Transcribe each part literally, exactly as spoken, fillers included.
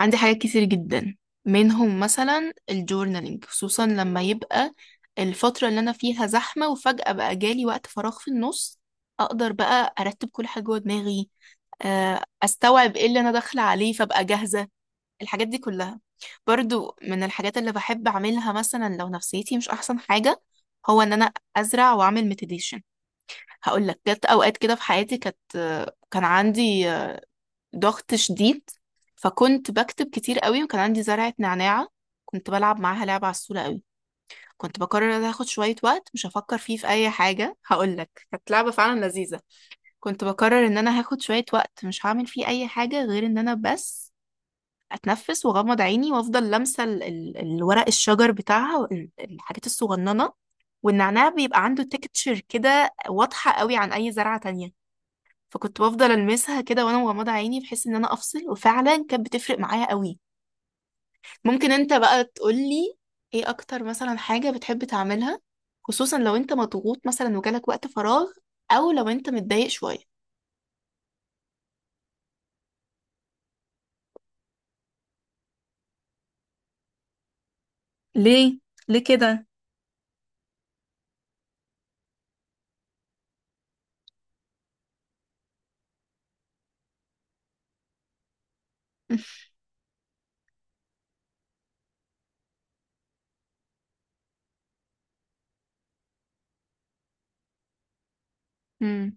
عندي حاجات كتير جدا منهم مثلا الجورنالينج خصوصا لما يبقى الفترة اللي أنا فيها زحمة وفجأة بقى جالي وقت فراغ في النص أقدر بقى أرتب كل حاجة جوه دماغي، آه، أستوعب إيه اللي أنا داخلة عليه فأبقى جاهزة الحاجات دي كلها. برضو من الحاجات اللي بحب أعملها مثلا لو نفسيتي مش أحسن حاجة هو إن أنا أزرع وأعمل مديتيشن. هقول لك جت أوقات كده في حياتي كانت كان عندي ضغط شديد، فكنت بكتب كتير قوي وكان عندي زرعة نعناع كنت بلعب معاها لعبة عسولة قوي. كنت بقرر ان هاخد شوية وقت مش هفكر فيه في اي حاجة، هقولك كانت لعبة فعلا لذيذة. كنت بقرر ان انا هاخد شوية وقت مش هعمل فيه اي حاجة غير ان انا بس اتنفس واغمض عيني وافضل لامسة ال- ال- الورق الشجر بتاعها وال- الحاجات الصغننة، والنعناع بيبقى عنده تكتشر كده واضحة قوي عن اي زرعة تانية، فكنت بفضل المسها كده وانا مغمضه عيني بحيث ان انا افصل، وفعلا كانت بتفرق معايا قوي. ممكن انت بقى تقولي ايه اكتر مثلا حاجه بتحب تعملها، خصوصا لو انت مضغوط مثلا وجالك وقت فراغ او لو انت متضايق شويه. ليه؟ ليه كده؟ مم.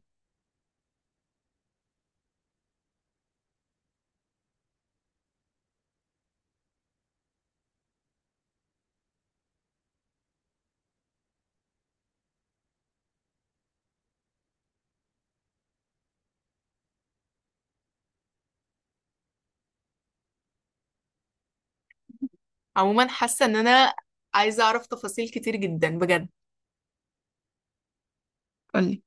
عموما حاسه ان انا عايزه اعرف تفاصيل كتير جدا بجد. قولي.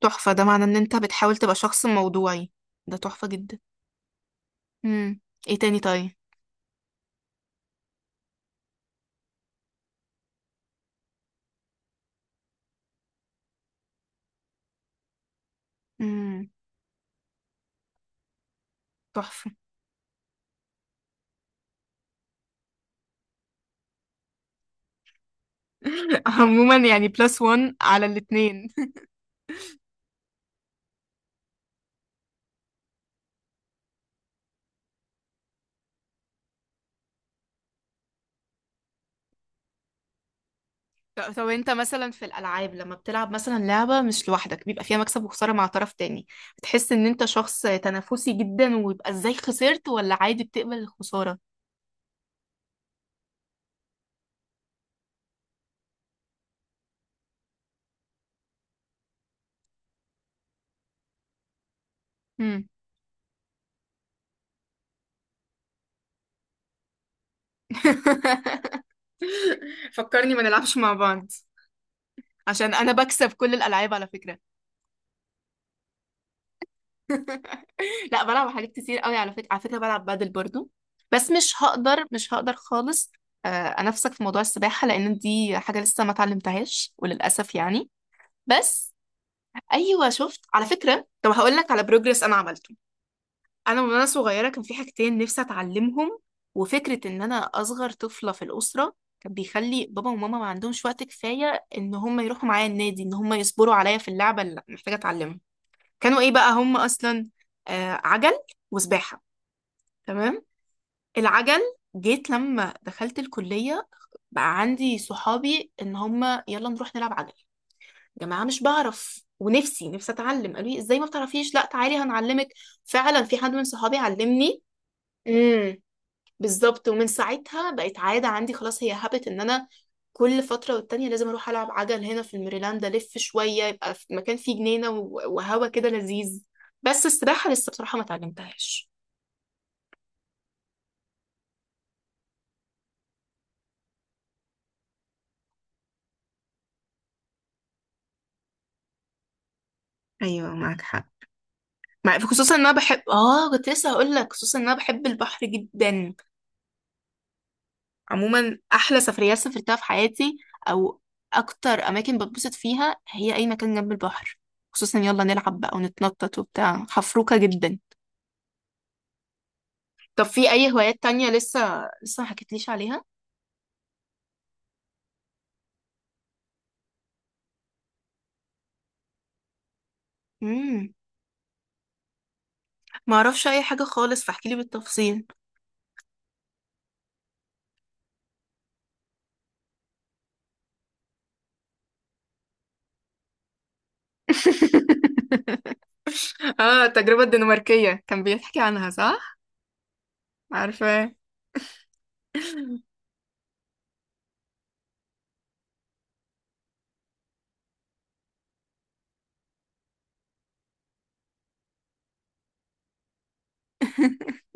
تحفه، ده معناه ان انت بتحاول تبقى شخص موضوعي، ده تحفه جدا. مم. ايه تاني طيب؟ مم. تحفه. عموما يعني بلس وان على الاتنين. طب طب انت مثلا في الالعاب لما بتلعب مثلا لعبه مش لوحدك بيبقى فيها مكسب وخساره مع طرف تاني، بتحس ان انت شخص تنافسي جدا ويبقى ازاي خسرت، ولا عادي بتقبل الخساره؟ مم. فكرني ما نلعبش مع بعض عشان انا بكسب كل الالعاب على فكره. لا بلعب حاجات كتير قوي على فكرة، على فكرة بلعب بادل برضو، بس مش هقدر مش هقدر خالص آه، انافسك في موضوع السباحة لان دي حاجة لسه ما اتعلمتهاش وللاسف يعني. بس ايوه شفت، على فكرة طب هقول لك على بروجرس انا عملته. انا من وانا صغيرة كان في حاجتين نفسي اتعلمهم، وفكرة ان انا اصغر طفلة في الأسرة كان بيخلي بابا وماما ما عندهمش وقت كفاية ان هم يروحوا معايا النادي ان هم يصبروا عليا في اللعبة اللي محتاجة اتعلمها. كانوا ايه بقى هم اصلا؟ آه عجل وسباحة. تمام. العجل جيت لما دخلت الكلية بقى عندي صحابي ان هم يلا نروح نلعب عجل، جماعة مش بعرف ونفسي نفسي اتعلم، قالوا لي ازاي ما بتعرفيش، لا تعالي هنعلمك، فعلا في حد من صحابي علمني. مم. بالظبط، ومن ساعتها بقت عادة عندي خلاص، هي هابت ان انا كل فترة والتانية لازم اروح العب عجل، هنا في الميريلاند الف شوية يبقى في مكان فيه جنينة و- وهوا كده لذيذ. بس السباحة لسه بصراحة ما اتعلمتهاش. ايوه معاك حق. مع- خصوصا ان انا بحب، اه كنت لسه هقول لك، خصوصا ان انا بحب البحر جدا. عموما احلى سفريات سافرتها في حياتي او اكتر اماكن بتبسط فيها هي اي مكان جنب البحر، خصوصا يلا نلعب بقى ونتنطط وبتاع، حفروكة جدا. طب في اي هوايات تانية لسه لسه ما حكيتليش عليها؟ امم. ما اعرفش اي حاجة خالص فاحكيلي بالتفصيل. اه التجربة الدنماركية كان بيحكي عنها صح؟ عارفة.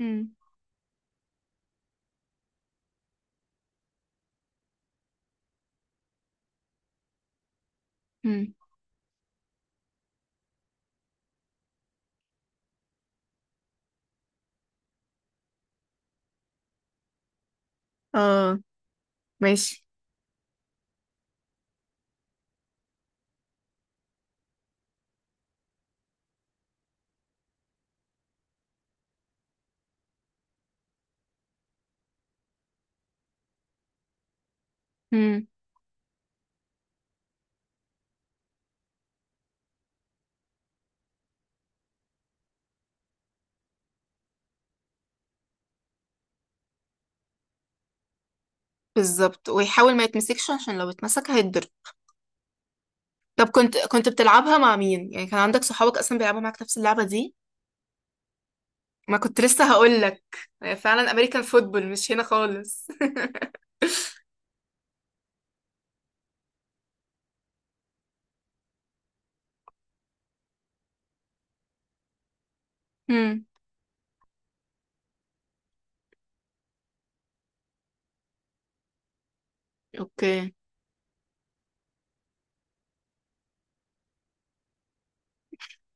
امم. امم. اه. ماشي. امم. بالظبط، ويحاول ما يتمسكش عشان لو اتمسك هيتضرب. طب كنت كنت بتلعبها مع مين يعني، كان عندك صحابك اصلا بيلعبوا معاك نفس اللعبة دي؟ ما كنت لسه هقول لك، فعلا امريكان فوتبول مش هنا خالص. امم. اوكي.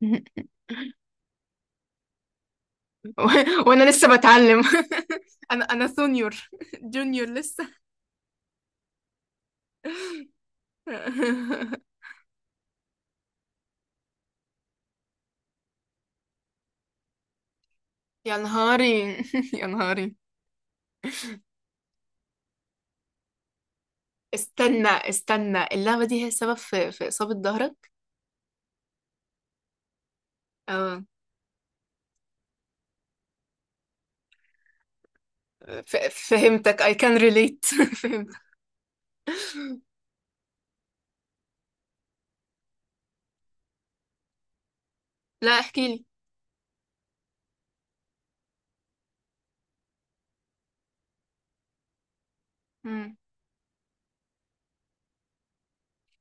وانا لسه بتعلم. انا انا سونيور، جونيور لسه. يا نهاري. يا نهاري. استنى استنى، اللعبة دي هي السبب في في إصابة ظهرك؟ اه. ف- فهمتك I can relate. فهمت. لا احكي لي. مم.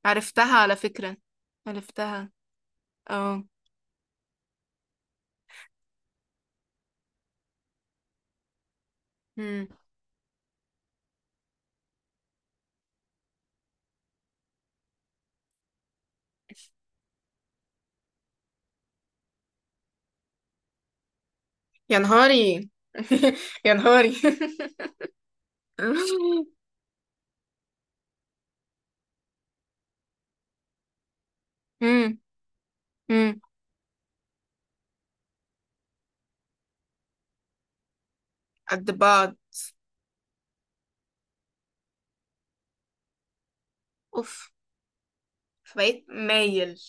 عرفتها على فكرة، عرفتها. اه. مم. يا نهاري. يا نهاري. مم. مم. قد بعض. اوف. فبقيت مايل.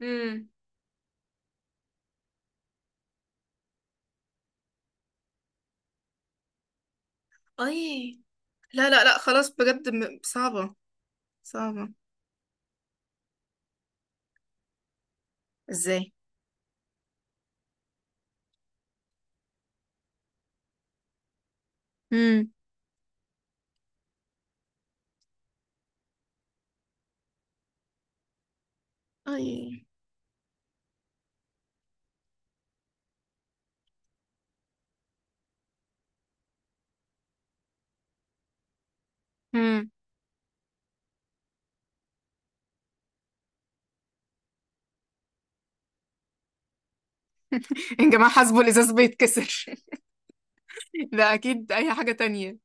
مم. اي. لا لا لا خلاص بجد، م- صعبة، صعبة. ازاي؟ امم. اي. امم. يا جماعة حاسبه الإزاز بيتكسر. ده أكيد أي حاجة تانية.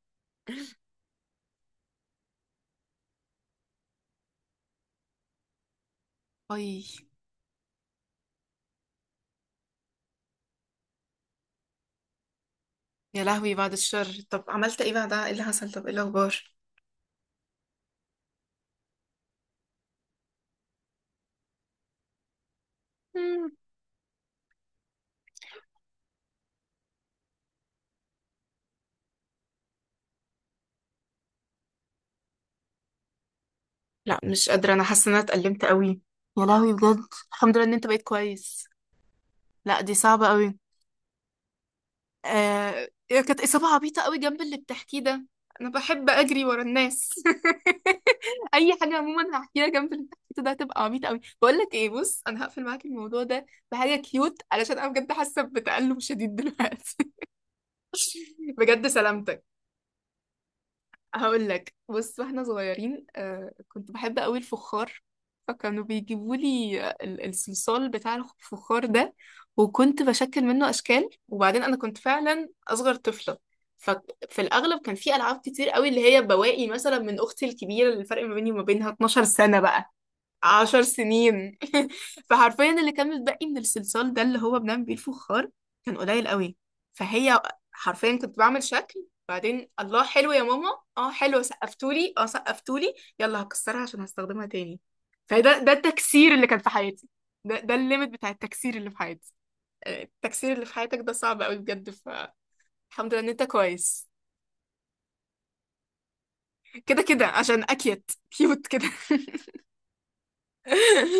اي. يا لهوي بعد الشر، طب عملت ايه بعدها، ايه اللي حصل، طب ايه الاخبار؟ مم. لا مش قادرة، أنا حاسة إن أنا اتألمت قوي، يا لهوي بجد. الحمد لله إن أنت بقيت كويس. لا دي صعبة قوي. آه كانت إصابة عبيطة قوي جنب اللي بتحكيه ده. أنا بحب أجري ورا الناس. أي حاجة عموما هحكيها جنب اللي بتحكيه ده هتبقى عبيطة قوي. بقول لك إيه، بص أنا هقفل معاك الموضوع ده بحاجة كيوت علشان أنا بجد حاسة بتألم شديد دلوقتي. بجد سلامتك. هقول لك، بص واحنا صغيرين آه كنت بحب قوي الفخار، فكانوا بيجيبوا لي الصلصال بتاع الفخار ده، وكنت بشكل منه اشكال. وبعدين انا كنت فعلا اصغر طفله، ففي الاغلب كان في العاب كتير قوي اللي هي بواقي مثلا من اختي الكبيره، اللي الفرق ما بيني وما بينها اتناشر سنه، بقى عشر سنين. فحرفيا اللي كان متبقي من الصلصال ده اللي هو بنعمل بيه الفخار كان قليل قوي. فهي حرفيا كنت بعمل شكل، بعدين الله حلو يا ماما، اه حلو سقفتولي اه سقفتولي، يلا هكسرها عشان هستخدمها تاني. فده ده التكسير اللي كان في حياتي، ده ده الليميت بتاع التكسير اللي في حياتي. آه، التكسير اللي في حياتك ده صعب قوي بجد، فالحمد لله ان انت كويس. كده كده عشان اكيت كيوت كده.